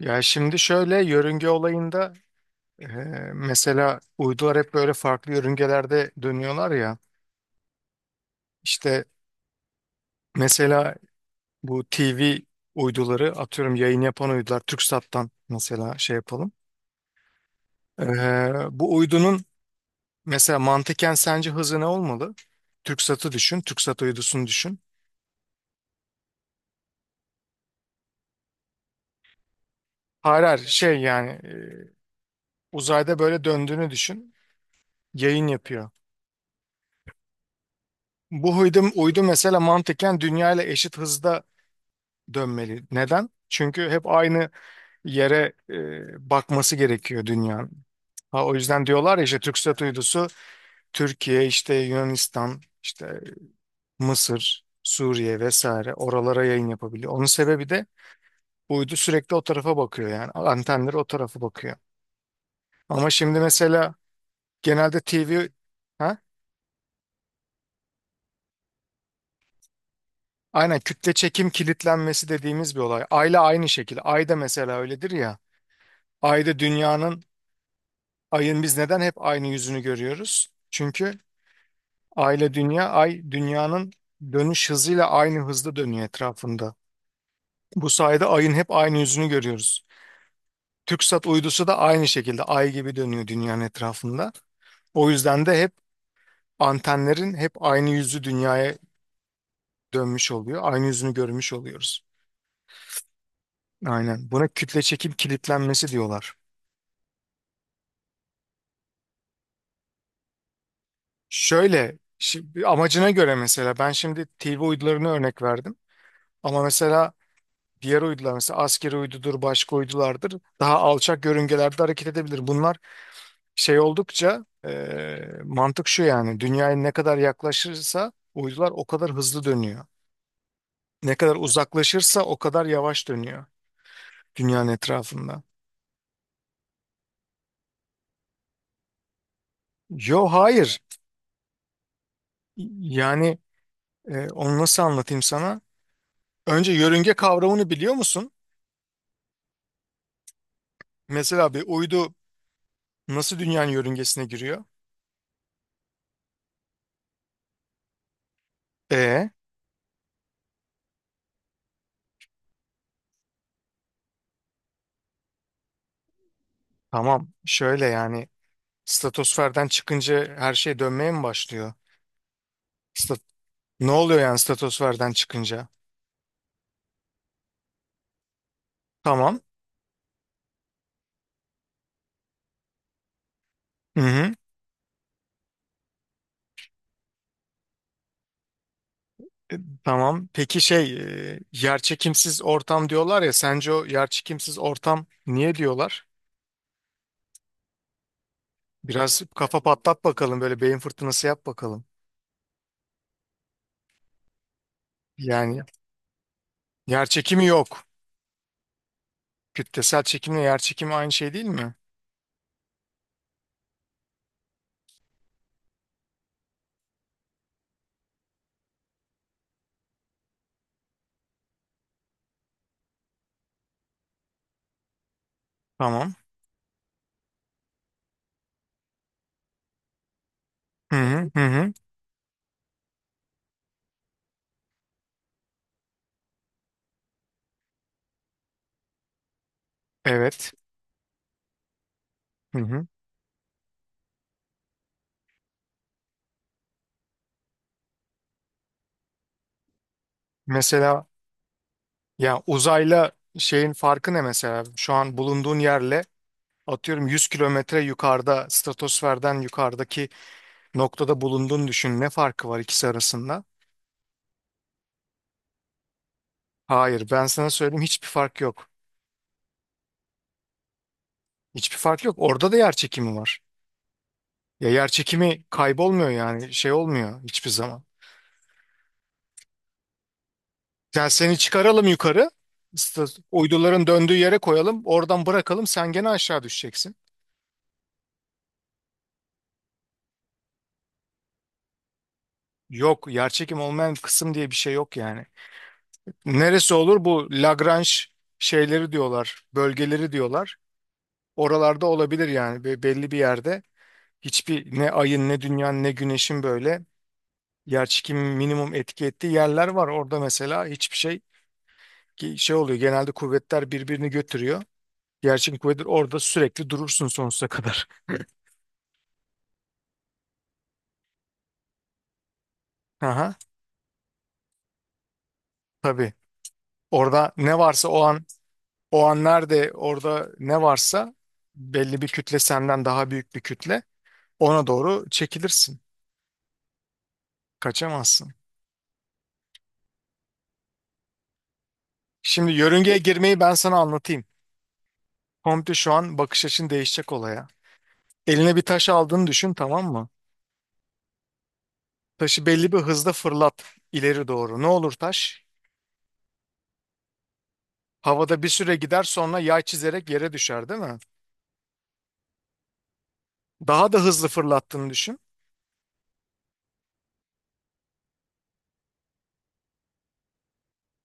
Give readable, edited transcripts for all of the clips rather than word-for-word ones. Ya şimdi şöyle yörünge olayında e, mesela uydular hep böyle farklı yörüngelerde dönüyorlar ya. İşte mesela bu TV uyduları atıyorum, yayın yapan uydular, Türksat'tan mesela şey yapalım. E, bu uydunun mesela mantıken sence hızı ne olmalı? Türksat'ı düşün, Türksat uydusunu düşün. Hayır, hayır, şey yani uzayda böyle döndüğünü düşün. Yayın yapıyor. Bu uydu, mesela mantıken dünya ile eşit hızda dönmeli. Neden? Çünkü hep aynı yere bakması gerekiyor dünyanın. Ha, o yüzden diyorlar ya işte TürkSat uydusu Türkiye, işte Yunanistan, işte Mısır, Suriye vesaire oralara yayın yapabiliyor. Onun sebebi de bu uydu sürekli o tarafa bakıyor, yani antenleri o tarafa bakıyor. Ama şimdi mesela genelde TV ha? Aynen, kütle çekim kilitlenmesi dediğimiz bir olay. Ayla aynı şekilde. Ayda mesela öyledir ya. Ayda dünyanın ayın biz neden hep aynı yüzünü görüyoruz? Çünkü aile dünya, ay dünyanın dönüş hızıyla aynı hızda dönüyor etrafında. Bu sayede ayın hep aynı yüzünü görüyoruz. TürkSat uydusu da aynı şekilde ay gibi dönüyor dünyanın etrafında. O yüzden de hep antenlerin hep aynı yüzü dünyaya dönmüş oluyor. Aynı yüzünü görmüş oluyoruz. Aynen. Buna kütle çekim kilitlenmesi diyorlar. Şöyle, amacına göre, mesela ben şimdi TV uydularını örnek verdim. Ama mesela diğer uydular, mesela askeri uydudur, başka uydulardır. Daha alçak yörüngelerde hareket edebilir. Bunlar şey oldukça mantık şu yani: dünyaya ne kadar yaklaşırsa uydular o kadar hızlı dönüyor. Ne kadar uzaklaşırsa o kadar yavaş dönüyor dünyanın etrafında. Yo, hayır. Yani onu nasıl anlatayım sana? Önce yörünge kavramını biliyor musun? Mesela bir uydu nasıl dünyanın yörüngesine giriyor? E tamam, şöyle yani, stratosferden çıkınca her şey dönmeye mi başlıyor? Stat- ne oluyor yani stratosferden çıkınca? Tamam. Hı hı. E, tamam. Peki şey, yerçekimsiz ortam diyorlar ya. Sence o yerçekimsiz ortam niye diyorlar? Biraz kafa patlat bakalım, böyle beyin fırtınası yap bakalım. Yani yerçekimi yok. Kütlesel çekimle yerçekimi aynı şey değil mi? Tamam. Hı hı hı hı. Evet. Hı hı. Mesela ya uzayla şeyin farkı ne mesela? Şu an bulunduğun yerle, atıyorum 100 kilometre yukarıda, stratosferden yukarıdaki noktada bulunduğunu düşün. Ne farkı var ikisi arasında? Hayır, ben sana söyleyeyim, hiçbir fark yok. Hiçbir fark yok. Orada da yer çekimi var. Ya yer çekimi kaybolmuyor, yani şey olmuyor hiçbir zaman. Yani seni çıkaralım yukarı, uyduların döndüğü yere koyalım, oradan bırakalım, sen gene aşağı düşeceksin. Yok, yer çekimi olmayan kısım diye bir şey yok yani. Neresi olur bu Lagrange şeyleri diyorlar, bölgeleri diyorlar. Oralarda olabilir yani. Belli bir yerde. Hiçbir, ne ayın ne dünyanın ne güneşin böyle yer minimum etki ettiği yerler var. Orada mesela hiçbir şey ki şey oluyor. Genelde kuvvetler birbirini götürüyor. Yerçekim kuvvetleri orada, sürekli durursun sonsuza kadar. Aha, tabii. Orada ne varsa o an, o an nerede orada ne varsa belli bir kütle, senden daha büyük bir kütle, ona doğru çekilirsin. Kaçamazsın. Şimdi yörüngeye girmeyi ben sana anlatayım. Komple şu an bakış açın değişecek olaya. Eline bir taş aldığını düşün, tamam mı? Taşı belli bir hızda fırlat ileri doğru. Ne olur taş? Havada bir süre gider, sonra yay çizerek yere düşer değil mi? Daha da hızlı fırlattığını düşün.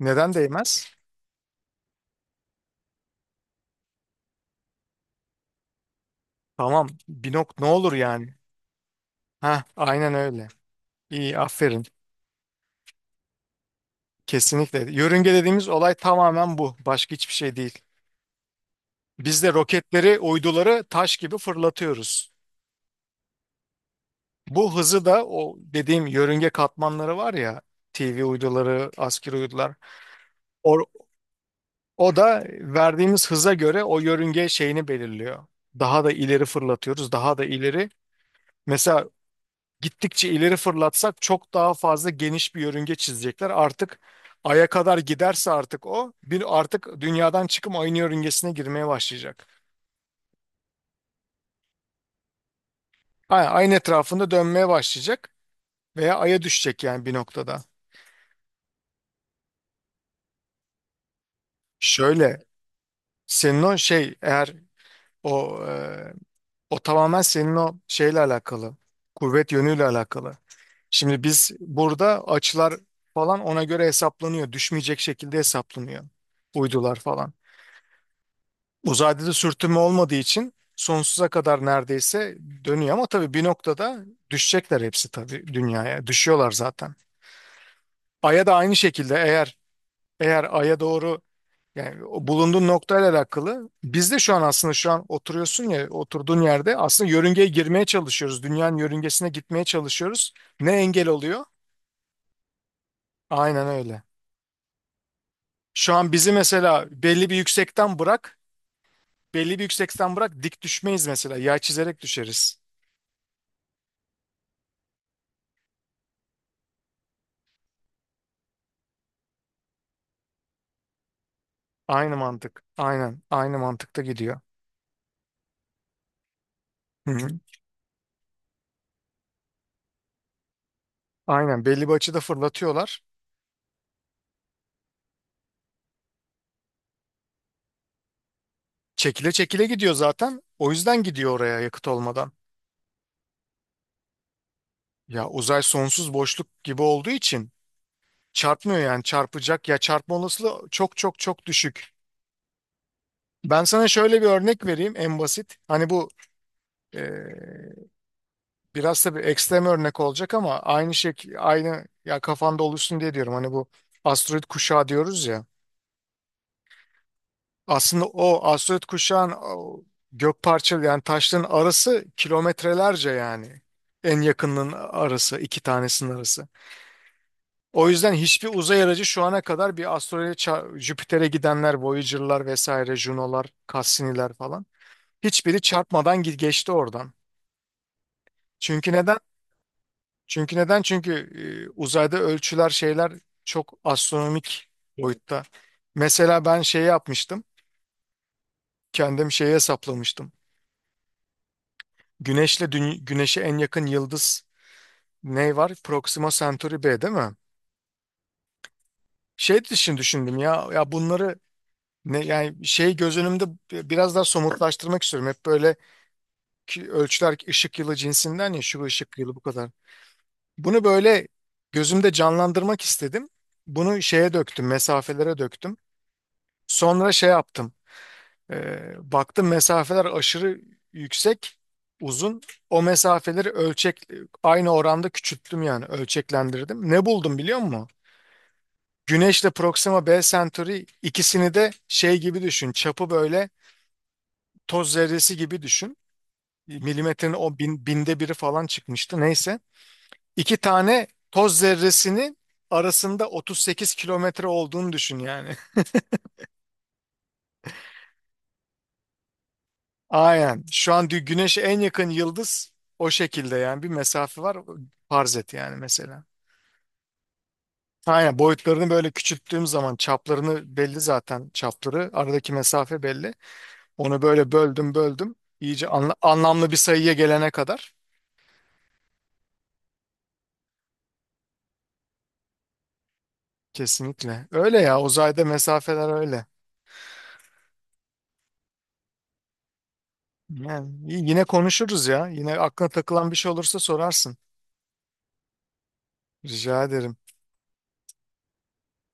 Neden değmez? Tamam. Bir nok ne olur yani? Ha, aynen öyle. İyi, aferin. Kesinlikle. Yörünge dediğimiz olay tamamen bu. Başka hiçbir şey değil. Biz de roketleri, uyduları taş gibi fırlatıyoruz. Bu hızı da, o dediğim yörünge katmanları var ya, TV uyduları, askeri uydular. O da verdiğimiz hıza göre o yörünge şeyini belirliyor. Daha da ileri fırlatıyoruz, daha da ileri. Mesela gittikçe ileri fırlatsak çok daha fazla geniş bir yörünge çizecekler. Artık Ay'a kadar giderse, artık o, bir artık dünyadan çıkıp aynı yörüngesine girmeye başlayacak. Ayın etrafında dönmeye başlayacak veya Ay'a düşecek yani bir noktada. Şöyle, senin o şey eğer o o tamamen senin o şeyle alakalı, kuvvet yönüyle alakalı. Şimdi biz burada açılar falan ona göre hesaplanıyor. Düşmeyecek şekilde hesaplanıyor. Uydular falan. Uzayda da sürtünme olmadığı için sonsuza kadar neredeyse dönüyor, ama tabii bir noktada düşecekler hepsi tabii dünyaya. Düşüyorlar zaten. Ay'a da aynı şekilde eğer, Ay'a doğru, yani o bulunduğun noktayla alakalı. Biz de şu an aslında, şu an oturuyorsun ya oturduğun yerde, aslında yörüngeye girmeye çalışıyoruz. Dünyanın yörüngesine gitmeye çalışıyoruz. Ne engel oluyor? Aynen öyle. Şu an bizi mesela belli bir yüksekten bırak, dik düşmeyiz mesela. Yay çizerek düşeriz. Aynı mantık. Aynen. Aynı mantıkta gidiyor. Hı hı. Aynen. Belli bir açıda fırlatıyorlar. Çekile çekile gidiyor zaten. O yüzden gidiyor oraya yakıt olmadan. Ya uzay sonsuz boşluk gibi olduğu için çarpmıyor, yani çarpacak ya, çarpma olasılığı çok çok çok düşük. Ben sana şöyle bir örnek vereyim en basit. Hani bu, biraz tabii ekstrem örnek olacak ama aynı şey, ya kafanda oluşsun diye diyorum. Hani bu asteroid kuşağı diyoruz ya. Aslında o asteroid kuşağın o gök parçalı, yani taşların arası kilometrelerce yani. En yakınının arası, iki tanesinin arası. O yüzden hiçbir uzay aracı şu ana kadar bir asteroide Jüpiter'e gidenler, Voyager'lar vesaire, Juno'lar, Cassini'ler falan, hiçbiri çarpmadan geçti oradan. Çünkü neden? Çünkü uzayda ölçüler, şeyler çok astronomik boyutta. Mesela ben şey yapmıştım. Kendim şeyi hesaplamıştım. Güneşle Güneş'e en yakın yıldız ne var? Proxima Centauri B değil mi? Şey için düşündüm ya, ya bunları ne yani şey, göz önümde biraz daha somutlaştırmak istiyorum. Hep böyle ki ölçüler ışık yılı cinsinden, ya şu ışık yılı bu kadar. Bunu böyle gözümde canlandırmak istedim. Bunu şeye döktüm, mesafelere döktüm. Sonra şey yaptım. Baktım mesafeler aşırı yüksek, uzun. O mesafeleri ölçek aynı oranda küçülttüm, yani ölçeklendirdim. Ne buldum biliyor musun? Güneşle Proxima B Centauri, ikisini de şey gibi düşün. Çapı böyle toz zerresi gibi düşün. Milimetrenin o binde biri falan çıkmıştı neyse. İki tane toz zerresinin arasında 38 kilometre olduğunu düşün yani. Aynen. Şu an güneşe en yakın yıldız o şekilde yani, bir mesafe var. Farz et yani mesela. Aynen, boyutlarını böyle küçülttüğüm zaman, çaplarını belli zaten, çapları. Aradaki mesafe belli. Onu böyle böldüm böldüm. İyice anlamlı bir sayıya gelene kadar. Kesinlikle. Öyle ya, uzayda mesafeler öyle. Yani yine konuşuruz ya. Yine aklına takılan bir şey olursa sorarsın. Rica ederim.